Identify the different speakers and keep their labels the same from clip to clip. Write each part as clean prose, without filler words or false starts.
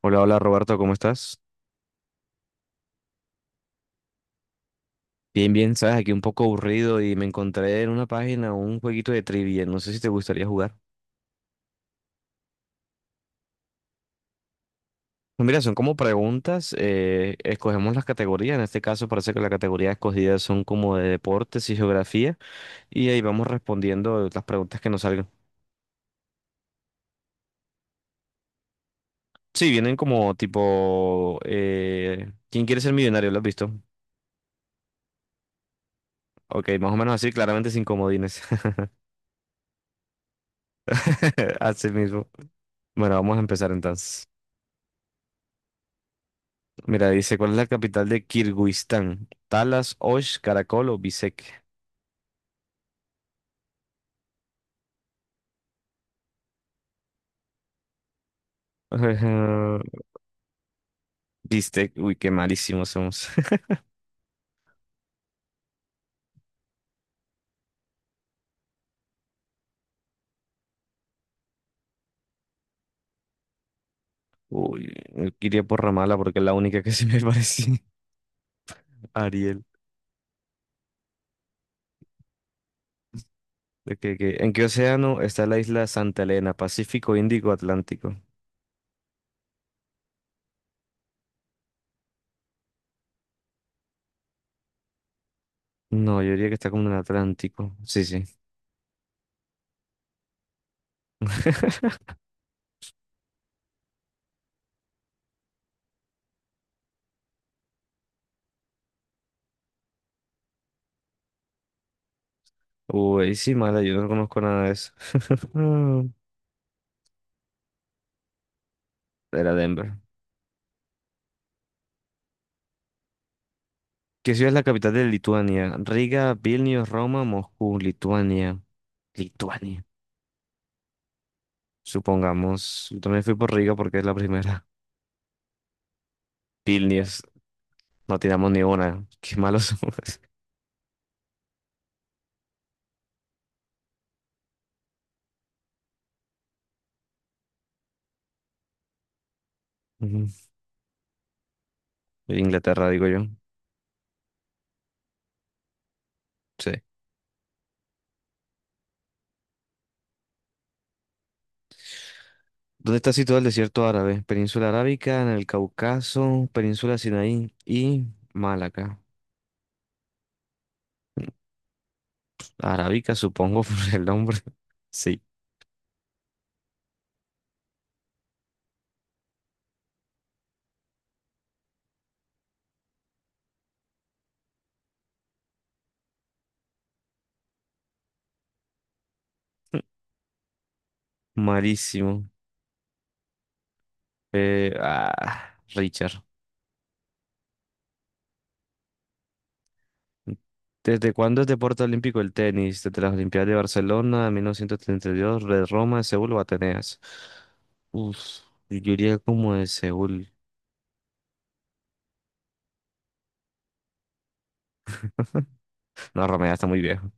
Speaker 1: Hola, hola Roberto, ¿cómo estás? Bien, bien, sabes, aquí un poco aburrido y me encontré en una página un jueguito de trivia, no sé si te gustaría jugar. Pues, mira, son como preguntas, escogemos las categorías. En este caso parece que la categoría escogida son como de deportes y geografía, y ahí vamos respondiendo las preguntas que nos salgan. Sí, vienen como tipo, ¿quién quiere ser millonario? ¿Lo has visto? Ok, más o menos así, claramente sin comodines. Así mismo. Bueno, vamos a empezar entonces. Mira, dice, ¿cuál es la capital de Kirguistán? Talas, Osh, Caracol o Bishkek. Ujú, Bishkek, uy, qué malísimos somos. Uy, iría por Ramala porque es la única que se me parecía. Ariel. Ok, ok. ¿En qué océano está la isla Santa Elena? ¿Pacífico, Índico, Atlántico? No, yo diría que está como en el Atlántico. Sí, sí. Uy, sí, mala, yo no conozco nada de eso. Era Denver. ¿Qué ciudad es la capital de Lituania? Riga, Vilnius, Roma, Moscú, Lituania. Lituania. Supongamos. Yo también fui por Riga porque es la primera. Vilnius. No tiramos ni una. Qué malos somos. Ujú. Inglaterra, digo yo. Sí. ¿Dónde está situado el desierto árabe? Península Arábica, en el Cáucaso, Península Sinaí y Malaca. Arábica, supongo, por el nombre. Sí. Malísimo. Richard. ¿Desde cuándo es deporte olímpico el tenis? Desde las Olimpiadas de Barcelona, 1932, de Roma, de Seúl o Atenas. Uf, yo diría como de Seúl. No, Roma ya está muy viejo.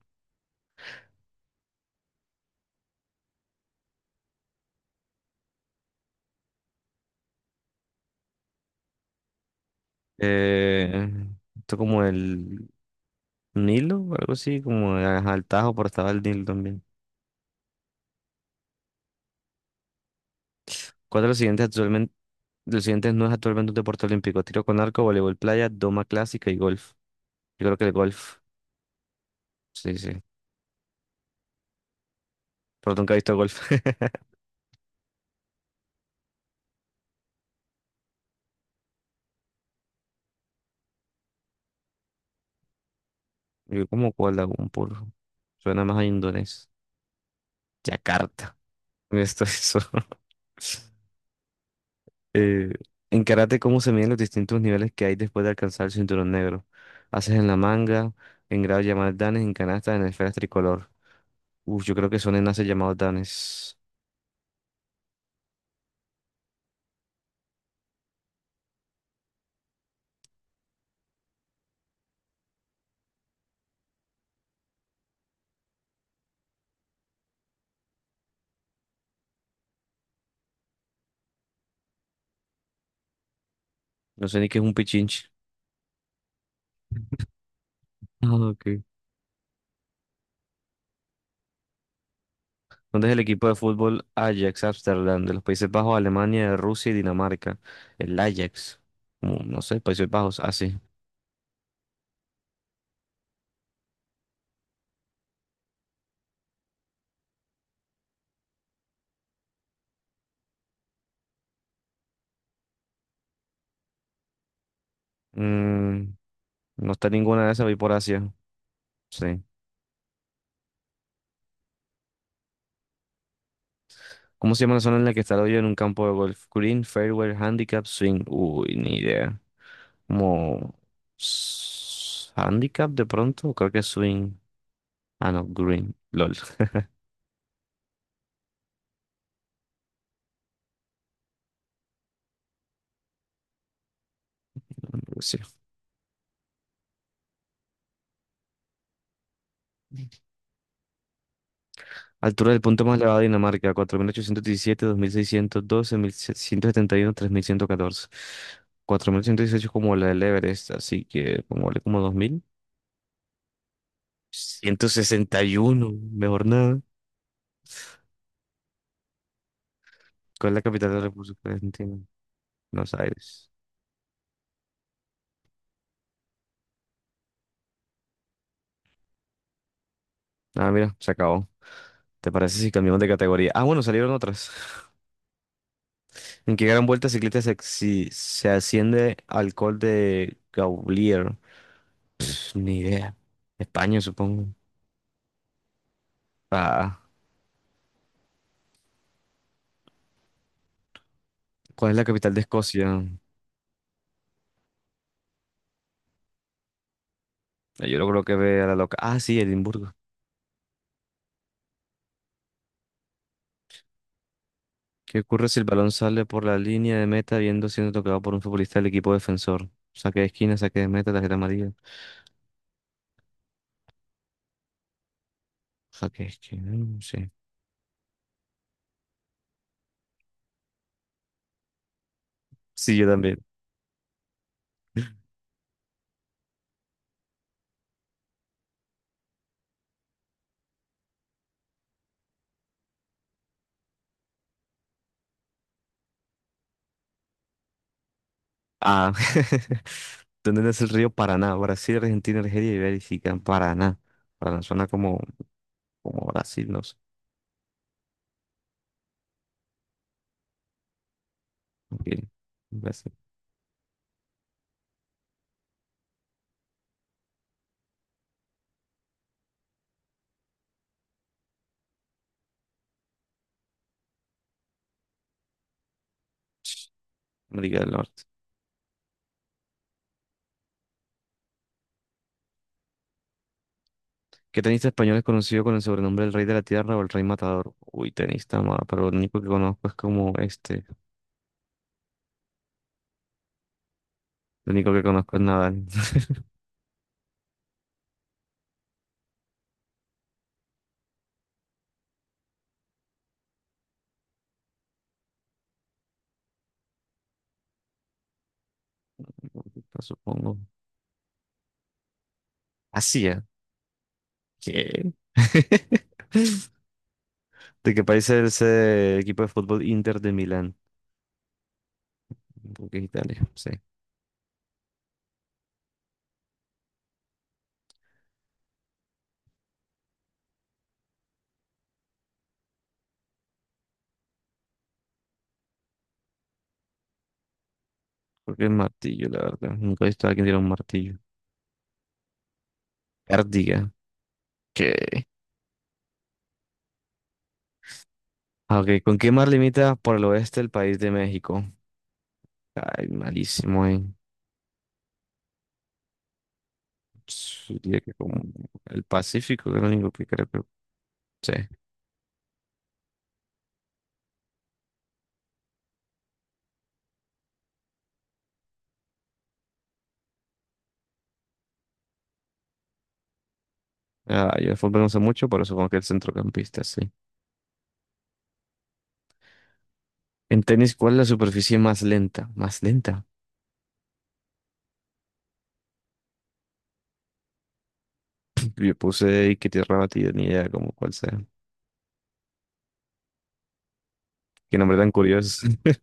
Speaker 1: Eh, esto como el Nilo, algo así, como ajá, el Tajo, pero estaba el Nilo también. ¿Cuál de los siguientes actualmente, los siguientes no es actualmente un deporte olímpico? Tiro con arco, voleibol playa, doma clásica y golf. Yo creo que el golf. Sí, sí. Pero nunca he visto golf. Yo como Kuala Lumpur. Suena más a indonés. Yakarta. Esto es eso. Eh, en karate, ¿cómo se miden los distintos niveles que hay después de alcanzar el cinturón negro? Haces en la manga, en grados llamados danes, en canastas, en esferas tricolor. Uf, yo creo que son en haces llamados danes. No sé ni qué es un pichinche. Ah, ok. ¿Dónde es el equipo de fútbol Ajax Amsterdam? De los Países Bajos, Alemania, Rusia y Dinamarca. El Ajax. Mm, no sé, Países Bajos, así. No está ninguna de esas, voy por Asia. Sí. ¿Cómo se llama la zona en la que está el hoyo en un campo de golf? Green, fairway, handicap, swing. Uy, ni idea. Como handicap de pronto, creo que es swing. Ah, no, green. LOL. Sí. Altura del punto más elevado de Dinamarca. Cuatro mil ochocientos diecisiete, 2.612, 1.771, tres mil ciento 4.817, 2.612, 1.771, 3.114. 4.118 como la del Everest, así que pongámosle como 2.161. Mejor nada. ¿Cuál es la capital de la República Argentina? Buenos Aires. Ah, mira, se acabó. ¿Te parece si cambiamos de categoría? Ah, bueno, salieron otras. ¿En qué gran vuelta ciclista se, se asciende al Col de Gaulier? Pff, ni idea. España, supongo. Ah, ¿cuál es la capital de Escocia? Yo creo que ve a la loca. Ah, sí, Edimburgo. ¿Qué ocurre si el balón sale por la línea de meta viendo siendo tocado por un futbolista del equipo defensor? Saque de esquina, saque de meta, tarjeta amarilla. Saque de esquina, mm, sí. Sí, yo también. Ah, ¿dónde nace el río Paraná? Brasil, Argentina, Argelia y Bélgica. Paraná. Paraná suena como, como Brasil, no sé. Ok, Brasil. América del Norte. ¿Qué tenista español es conocido con el sobrenombre del Rey de la Tierra o el Rey Matador? Uy, tenista, pero lo único que conozco es como este. Lo único que conozco es Nadal. Supongo. Así es. ¿Qué? ¿De qué país es el equipo de fútbol Inter de Milán? Porque es Italia, sí. Porque el martillo, la verdad. Nunca he visto a alguien tirar un martillo. Ártiga. ¿Qué? Ah, ok, ¿con qué mar limita por el oeste el país de México? Ay, malísimo, eh. Yo diría que como el Pacífico, que es lo único que creo que sí. Ah, yo de fútbol no sé mucho, pero supongo que el centrocampista, sí. En tenis, ¿cuál es la superficie más lenta? Más lenta. Yo puse y que tierra batida, ni idea como cuál sea. Qué nombre tan curioso.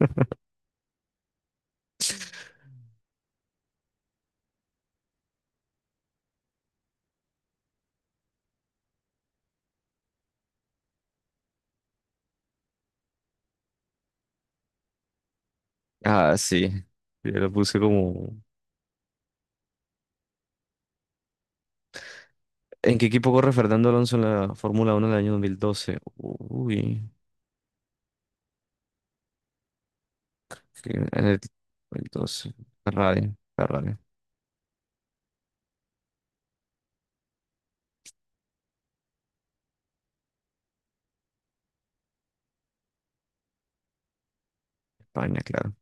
Speaker 1: Ah, sí. Yo lo puse como. ¿En qué equipo corre Fernando Alonso en la Fórmula Uno del año 2012? Uy, en el 2012. Ferrari, Ferrari, España, claro.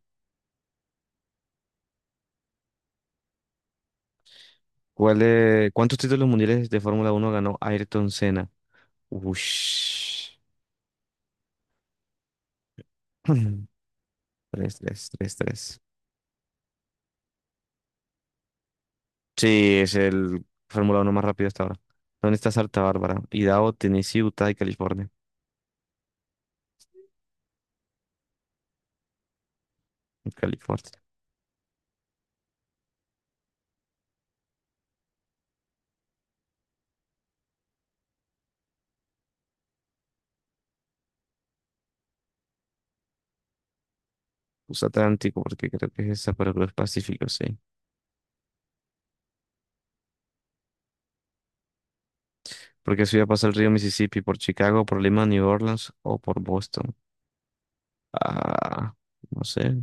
Speaker 1: ¿Cuál, cuántos títulos mundiales de Fórmula Uno ganó Ayrton Senna? Ush. Tres, tres, tres, tres. Sí, es el Fórmula Uno más rápido hasta ahora. ¿Dónde está Santa Bárbara? Idaho, Tennessee, Utah y California. California. USA Atlántico, porque creo que es esa, pero creo que es Pacífico, sí. Porque subía a pasar el río Mississippi por Chicago, por Lima, New Orleans o por Boston. Ah, no sé.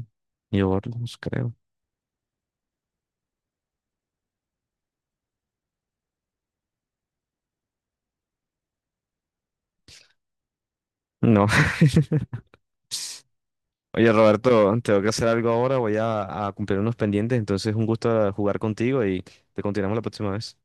Speaker 1: New Orleans, creo. No. Oye, Roberto, tengo que hacer algo ahora. Voy a cumplir unos pendientes. Entonces, un gusto jugar contigo y te continuamos la próxima vez.